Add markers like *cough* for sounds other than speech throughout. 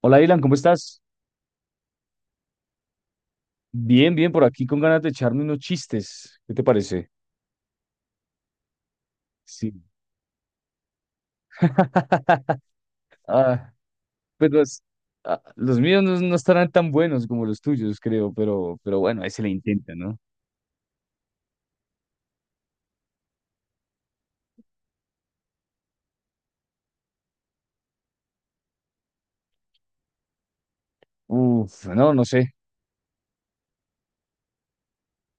Hola, Dylan, ¿cómo estás? Bien, bien, por aquí con ganas de echarme unos chistes. ¿Qué te parece? Sí. *laughs* Ah, pues los, los míos no, no estarán tan buenos como los tuyos, creo, pero bueno, ahí se le intenta, ¿no? Uf, no, no sé.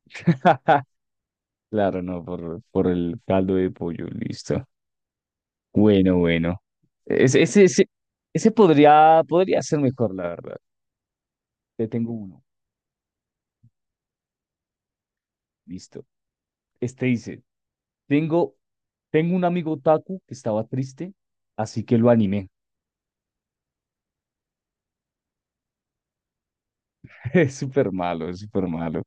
*laughs* Claro, no, por el caldo de pollo, listo. Bueno, bueno. Ese, ese, ese, ese podría, podría ser mejor, la verdad. Te tengo uno, listo. Este dice. Tengo, tengo un amigo Taku que estaba triste, así que lo animé. *laughs* Es súper malo, es súper malo.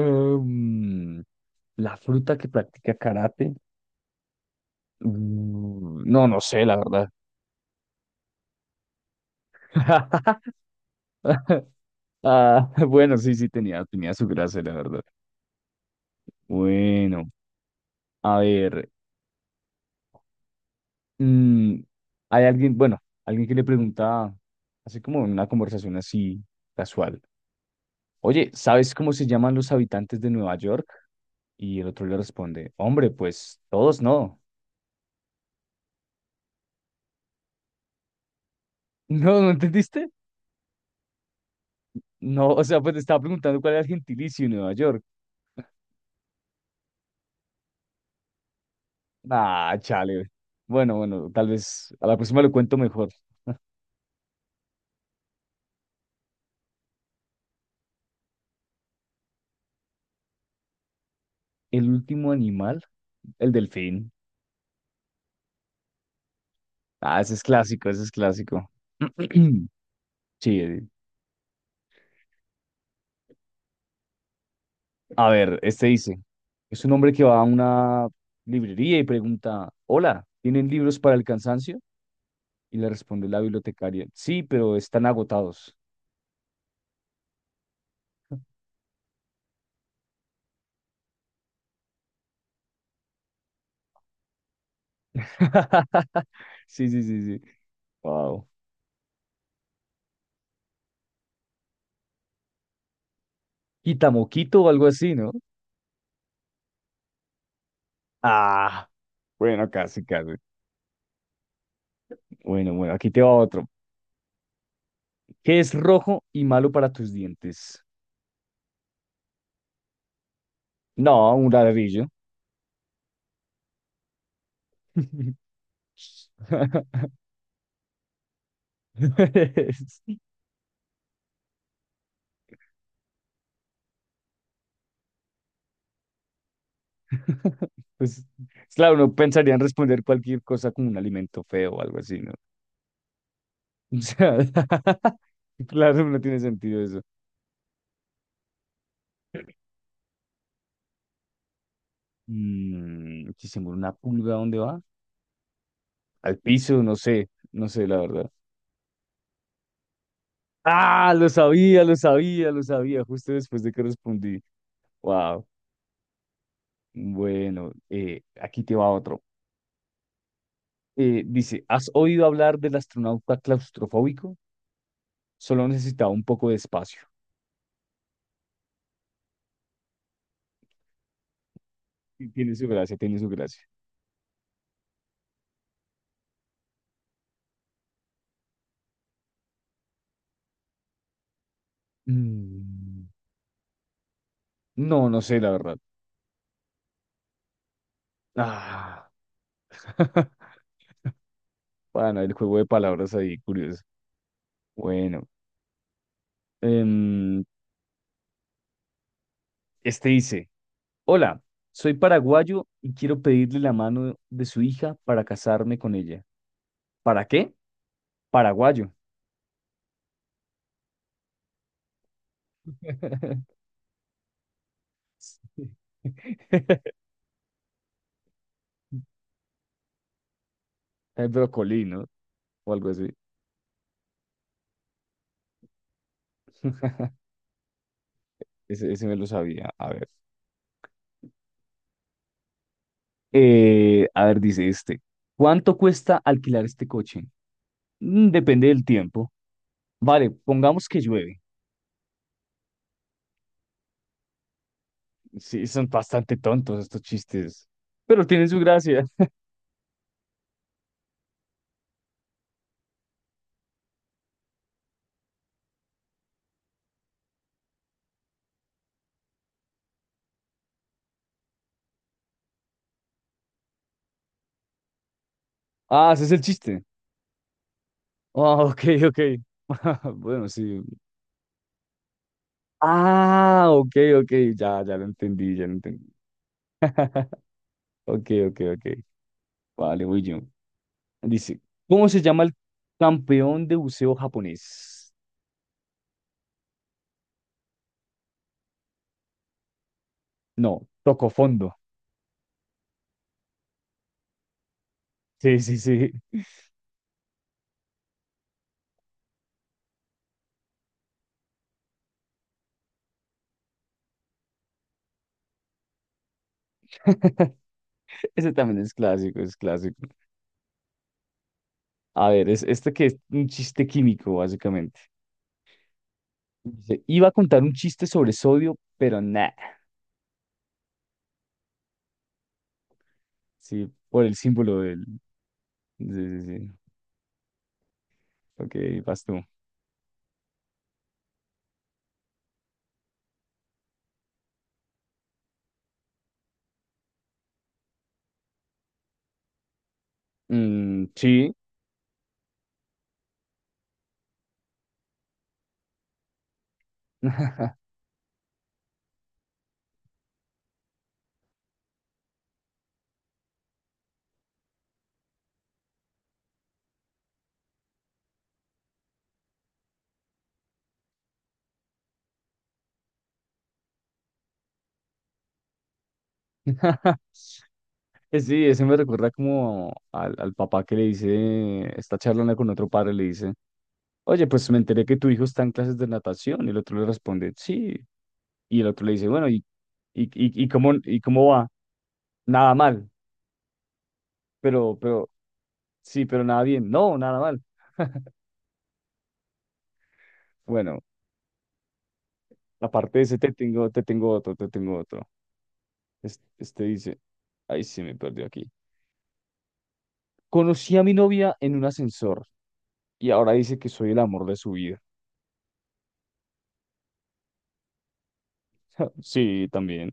Em, la fruta que practica karate. No, no sé, la verdad. *laughs* Ah, bueno, sí, sí, tenía, tenía su gracia, la verdad. Bueno, a ver. mm, Hay alguien, bueno, alguien que le pregunta, así como en una conversación así casual. Oye, ¿sabes cómo se llaman los habitantes de Nueva York? Y el otro le responde, hombre, pues todos no. *laughs* No, ¿no entendiste? No, o sea, pues te estaba preguntando cuál era el gentilicio en Nueva York. Ah, chale. Bueno, bueno, tal vez a la próxima lo cuento mejor. El último animal, el delfín. Ah, ese es clásico, ese es clásico. *clears throat* Sí, a ver, este dice, es un hombre que va a una librería y pregunta, hola, ¿tienen libros para el cansancio? Y le responde la bibliotecaria, sí, pero están agotados. *laughs* Sí, sí, sí, sí. Wow. Quitamoquito o algo así, ¿no? Ah, bueno, casi, casi. Bueno, bueno, aquí te va otro. ¿Qué es rojo y malo para tus dientes? No, un ladrillo. *laughs* Pues, claro, uno pensaría en responder cualquier cosa con un alimento feo o algo así, ¿no? *laughs* O sea, *laughs* claro, no tiene sentido eso. Mm, si se muere una pulga, ¿a dónde va? Al piso, no sé, no sé, la verdad. Ah, lo sabía, lo sabía, lo sabía, justo después de que respondí. Wow. Bueno, aquí te va otro. Dice, ¿has oído hablar del astronauta claustrofóbico? Solo necesitaba un poco de espacio. Y tiene su gracia, tiene su gracia. Mm, no, no sé, la verdad. Ah, *laughs* bueno, el juego de palabras ahí, curioso. Bueno, em, este dice, hola, soy paraguayo y quiero pedirle la mano de su hija para casarme con ella. ¿Para qué? Paraguayo. *laughs* Sí. *laughs* El brocolí, ¿no? O algo así. Ese me lo sabía. A ver. A ver, dice este. ¿Cuánto cuesta alquilar este coche? Mm, depende del tiempo. Vale, pongamos que llueve. Sí, son bastante tontos estos chistes. Pero tienen su gracia. Ah, ese es el chiste. Ah, ok, ok. *laughs* Bueno, sí. Ah, ok, ok. Ya, ya lo entendí, ya lo entendí. Ok, ok, ok. Vale, voy yo. Dice, ¿cómo se llama el campeón de buceo japonés? No, tocó fondo. Sí, sí, sí. *laughs* Ese también es clásico, es clásico. A ver, es este que es un chiste químico, básicamente. Dice, iba a contar un chiste sobre sodio, pero nada. Sí, por el símbolo del... Sí, sí, sí. Ok, vas tú. Mm, sí. *laughs* Sí, ese me recuerda como al, al papá que le dice, está charlando con otro padre, le dice. Oye, pues me enteré que tu hijo está en clases de natación. Y el otro le responde, sí. Y el otro le dice, bueno, y cómo va? Nada mal. Pero, sí, pero nada bien. No, nada mal. Bueno, aparte de ese, te tengo otro, te tengo otro. Es- Este, dice, ay, sí, me perdió aquí. Conocí a mi novia en un ascensor y ahora dice que soy el amor de su vida. *laughs* Sí, también.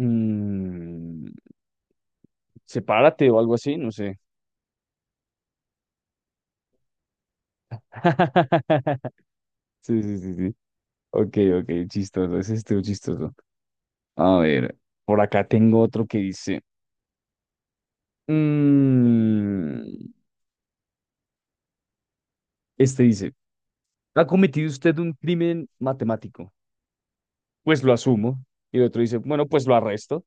Mm, sepárate o algo así, no sé. *laughs* Sí, sí, sí, sí. Ok, ok, chistoso, ese estuvo chistoso. A ver, por acá tengo otro que dice, mm, este dice, ¿ha cometido usted un crimen matemático? Pues lo asumo. Y el otro dice, bueno, pues lo arresto.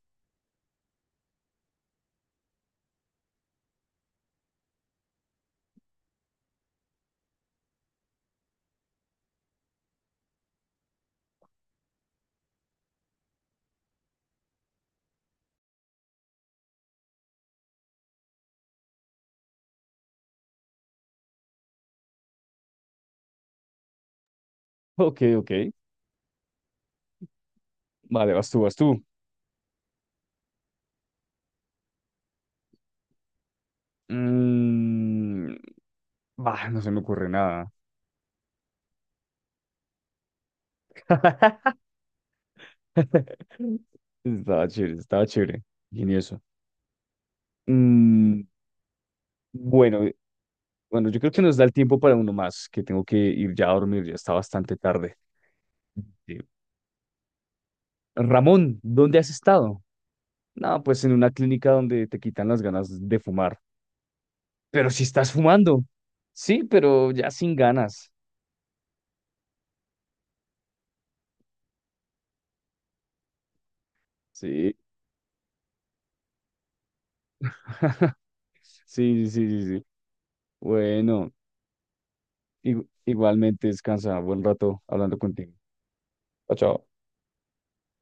Ok, ok, vale, vas tú, vas tú. Mm, bah, no se me ocurre nada. *laughs* Estaba chévere, ingenioso. Mm, bueno, bueno, yo creo que nos da el tiempo para uno más, que tengo que ir ya a dormir, ya está bastante tarde. Sí. Ramón, ¿dónde has estado? No, pues en una clínica donde te quitan las ganas de fumar. Pero si estás fumando. Sí, pero ya sin ganas. Sí, sí, sí, sí, sí. Bueno, igu- igualmente descansa. Buen rato hablando contigo. Chao, chao.